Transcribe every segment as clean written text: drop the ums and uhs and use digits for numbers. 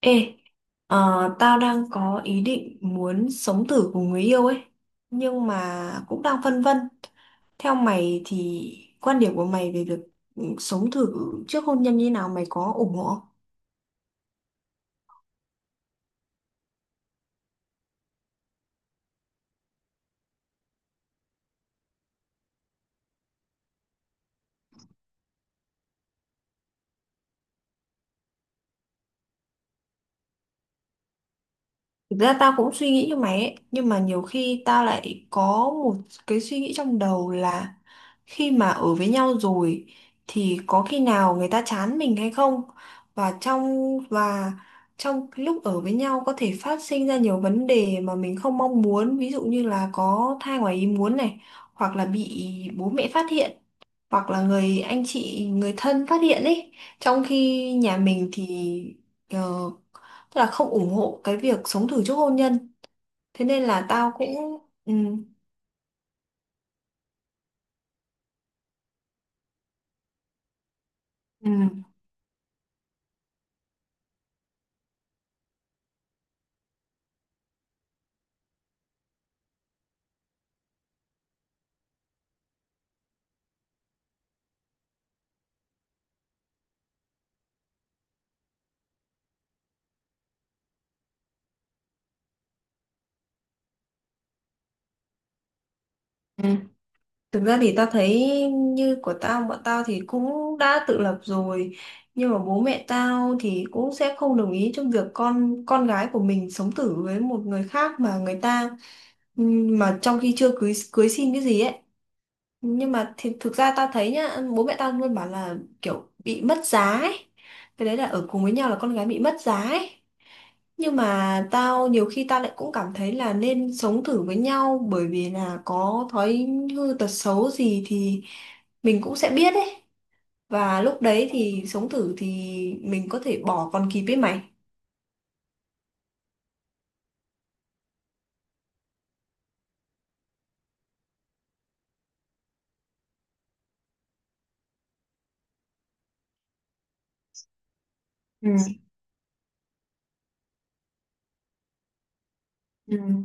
Ê, tao đang có ý định muốn sống thử cùng người yêu ấy, nhưng mà cũng đang phân vân. Theo mày thì quan điểm của mày về việc sống thử trước hôn nhân như nào mày có ủng hộ không? Thực ra tao cũng suy nghĩ như mày ấy, nhưng mà nhiều khi tao lại có một cái suy nghĩ trong đầu là khi mà ở với nhau rồi thì có khi nào người ta chán mình hay không? Và trong cái lúc ở với nhau có thể phát sinh ra nhiều vấn đề mà mình không mong muốn, ví dụ như là có thai ngoài ý muốn này, hoặc là bị bố mẹ phát hiện, hoặc là người anh chị, người thân phát hiện ấy. Trong khi nhà mình thì ờ, tức là không ủng hộ cái việc sống thử trước hôn nhân, thế nên là tao cũng ừ, ừ, ừ. Thực ra thì tao thấy như của tao bọn tao thì cũng đã tự lập rồi, nhưng mà bố mẹ tao thì cũng sẽ không đồng ý trong việc con gái của mình sống thử với một người khác mà người ta ừ, mà trong khi chưa cưới cưới xin cái gì ấy, nhưng mà thì thực ra tao thấy nhá bố mẹ tao luôn bảo là kiểu bị mất giá ấy. Cái đấy là ở cùng với nhau là con gái bị mất giá ấy, nhưng mà tao nhiều khi tao lại cũng cảm thấy là nên sống thử với nhau bởi vì là có thói hư tật xấu gì thì mình cũng sẽ biết ấy, và lúc đấy thì sống thử thì mình có thể bỏ còn kịp ấy mày. Ừ. Ừ.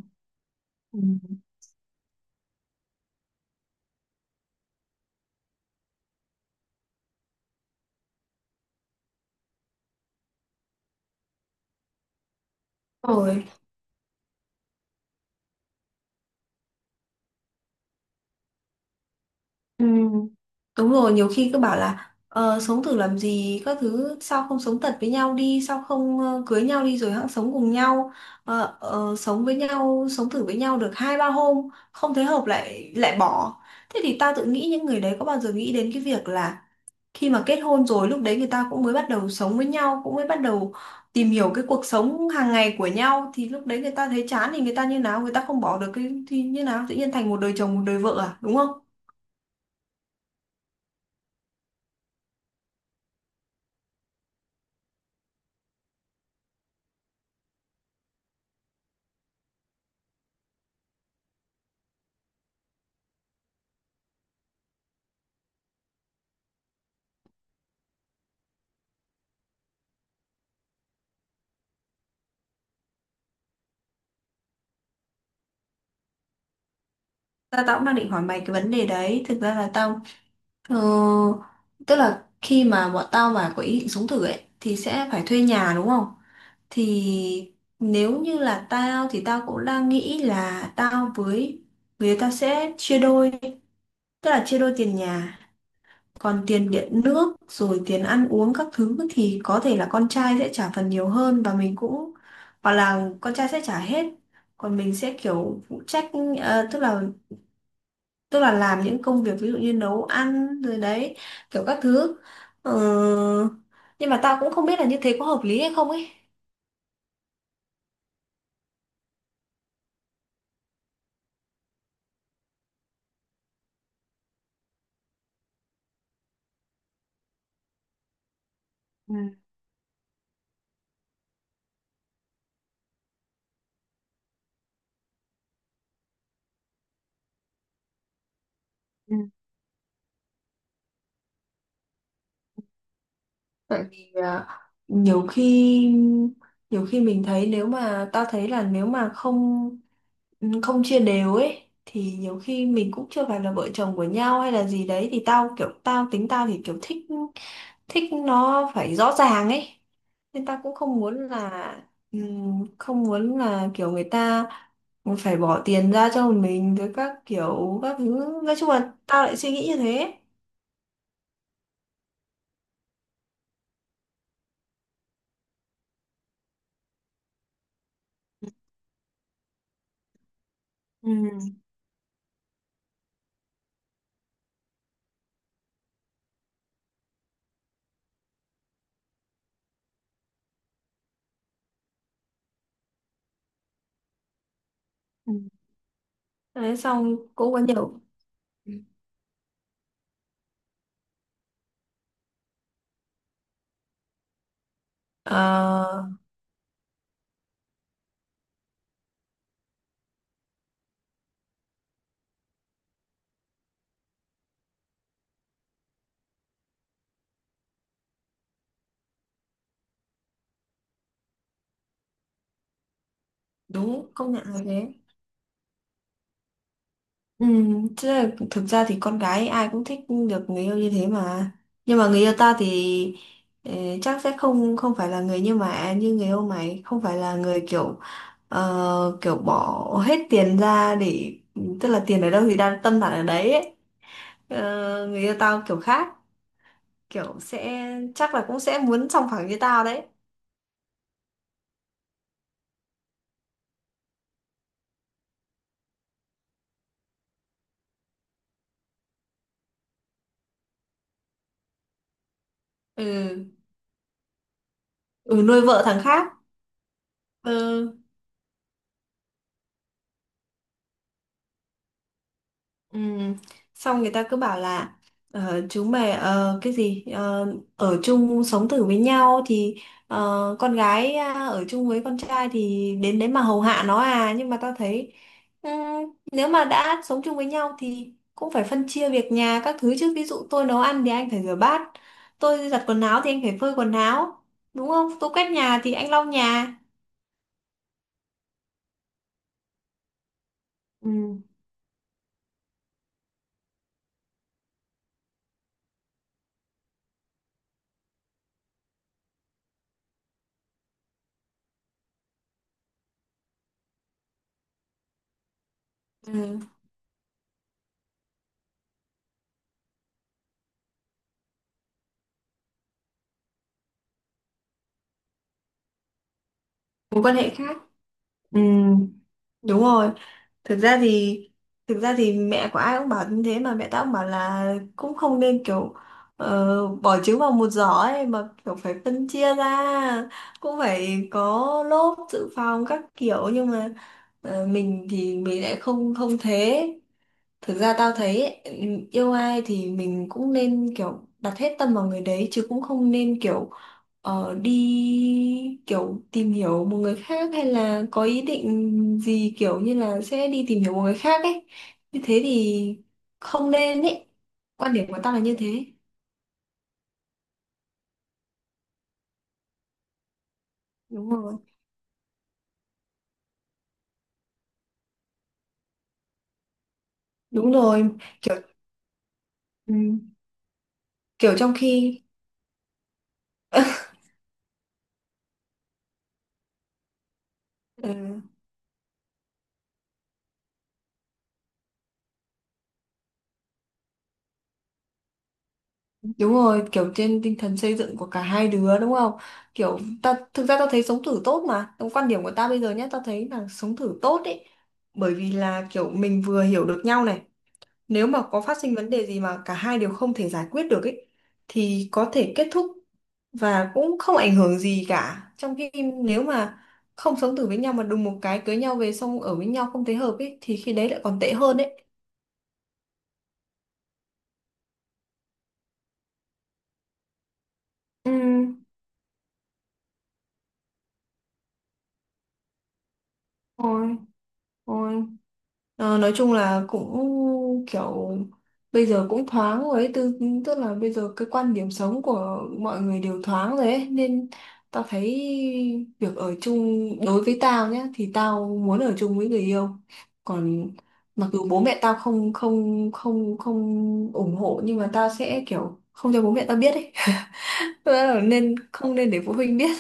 Ừ. Rồi. Ừ, đúng rồi, nhiều khi cứ bảo là sống thử làm gì các thứ, sao không sống thật với nhau đi, sao không cưới nhau đi rồi hẵng sống cùng nhau. Sống với nhau, sống thử với nhau được hai ba hôm không thấy hợp lại lại bỏ, thế thì tao tự nghĩ những người đấy có bao giờ nghĩ đến cái việc là khi mà kết hôn rồi lúc đấy người ta cũng mới bắt đầu sống với nhau, cũng mới bắt đầu tìm hiểu cái cuộc sống hàng ngày của nhau thì lúc đấy người ta thấy chán thì người ta như nào, người ta không bỏ được cái thì như nào, tự nhiên thành một đời chồng một đời vợ à, đúng không? Tao cũng đang định hỏi mày cái vấn đề đấy. Thực ra là tao ờ, tức là khi mà bọn tao mà có ý định sống thử ấy thì sẽ phải thuê nhà đúng không? Thì nếu như là tao thì tao cũng đang nghĩ là Tao với tao sẽ chia đôi, tức là chia đôi tiền nhà. Còn tiền điện nước, rồi tiền ăn uống các thứ thì có thể là con trai sẽ trả phần nhiều hơn, và mình cũng, hoặc là con trai sẽ trả hết, còn mình sẽ kiểu phụ trách, ờ, Tức là tức là làm những công việc ví dụ như nấu ăn rồi đấy kiểu các thứ. Ờ, nhưng mà tao cũng không biết là như thế có hợp lý hay không ấy. Ừ. Tại vì nhiều khi nhiều khi mình thấy nếu mà tao thấy là nếu mà không không chia đều ấy thì nhiều khi mình cũng chưa phải là vợ chồng của nhau hay là gì đấy thì tao kiểu tao tính tao thì kiểu thích thích nó phải rõ ràng ấy, nên tao cũng không muốn là không muốn là kiểu người ta phải bỏ tiền ra cho mình rồi các kiểu các thứ, nói chung là tao lại suy nghĩ như thế. Ừ. Ừ. Đấy xong cũng có nhiều. Ờ, đúng, công nhận là thế. Ừ, chứ là thực ra thì con gái ai cũng thích được người yêu như thế mà, nhưng mà người yêu ta thì ờ, chắc sẽ không không phải là người như mà như người yêu mày, không phải là người kiểu kiểu bỏ hết tiền ra để tức là tiền ở đâu thì đang tâm đặt ở đấy ấy. Ờ, người yêu tao kiểu khác, kiểu sẽ chắc là cũng sẽ muốn sòng phẳng như tao đấy. Ừ, ừ, nuôi vợ thằng khác. Ừ. Ừ. Xong người ta cứ bảo là chú mày cái gì ở chung sống thử với nhau thì ờ, con gái à, ở chung với con trai thì đến đấy mà hầu hạ nó à, nhưng mà tao thấy ừ, nếu mà đã sống chung với nhau thì cũng phải phân chia việc nhà các thứ chứ, ví dụ tôi nấu ăn thì anh phải rửa bát, tôi giặt quần áo thì anh phải phơi quần áo, đúng không, tôi quét nhà thì anh lau nhà. Ừ. Ừ. Mối quan hệ khác. Ừ. Đúng rồi. Thực ra thì thực ra thì mẹ của ai cũng bảo như thế mà, mẹ tao cũng bảo là cũng không nên kiểu bỏ trứng vào một giỏ ấy mà, kiểu phải phân chia ra, cũng phải có lốp dự phòng các kiểu, nhưng mà mình thì mình lại không không thế. Thực ra tao thấy ấy, yêu ai thì mình cũng nên kiểu đặt hết tâm vào người đấy chứ cũng không nên kiểu đi kiểu tìm hiểu một người khác hay là có ý định gì kiểu như là sẽ đi tìm hiểu một người khác ấy. Như thế thì không nên ấy. Quan điểm của tao là như thế. Đúng rồi. Đúng rồi. Kiểu ừ, kiểu trong khi ừ. Đúng rồi, kiểu trên tinh thần xây dựng của cả hai đứa đúng không? Kiểu ta thực ra tao thấy sống thử tốt mà. Trong quan điểm của tao bây giờ nhé, tao thấy là sống thử tốt ấy. Bởi vì là kiểu mình vừa hiểu được nhau này, nếu mà có phát sinh vấn đề gì mà cả hai đều không thể giải quyết được ấy thì có thể kết thúc và cũng không ảnh hưởng gì cả. Trong khi nếu mà không sống thử với nhau mà đùng một cái cưới nhau về xong ở với nhau không thấy hợp ấy thì khi đấy lại còn tệ hơn ấy. Ừ, thôi, thôi. Ờ, nói chung là cũng kiểu bây giờ cũng thoáng rồi ấy, tức là bây giờ cái quan điểm sống của mọi người đều thoáng rồi ấy, nên tao thấy việc ở chung đối với tao nhá thì tao muốn ở chung với người yêu. Còn mặc dù bố mẹ tao không không không không ủng hộ nhưng mà tao sẽ kiểu không cho bố mẹ tao biết ấy. Nên không nên để phụ huynh biết.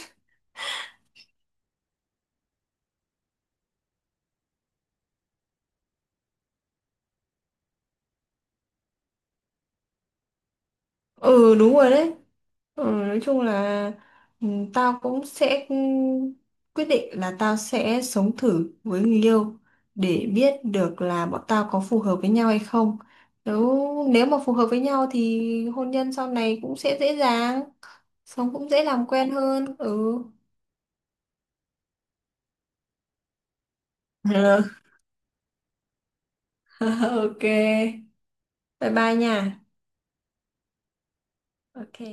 Ừ, đúng rồi đấy. Ừ, nói chung là ừ, tao cũng sẽ quyết định là tao sẽ sống thử với người yêu để biết được là bọn tao có phù hợp với nhau hay không, nếu nếu mà phù hợp với nhau thì hôn nhân sau này cũng sẽ dễ dàng, sống cũng dễ làm quen hơn. Ừ. OK, bye bye nha. OK.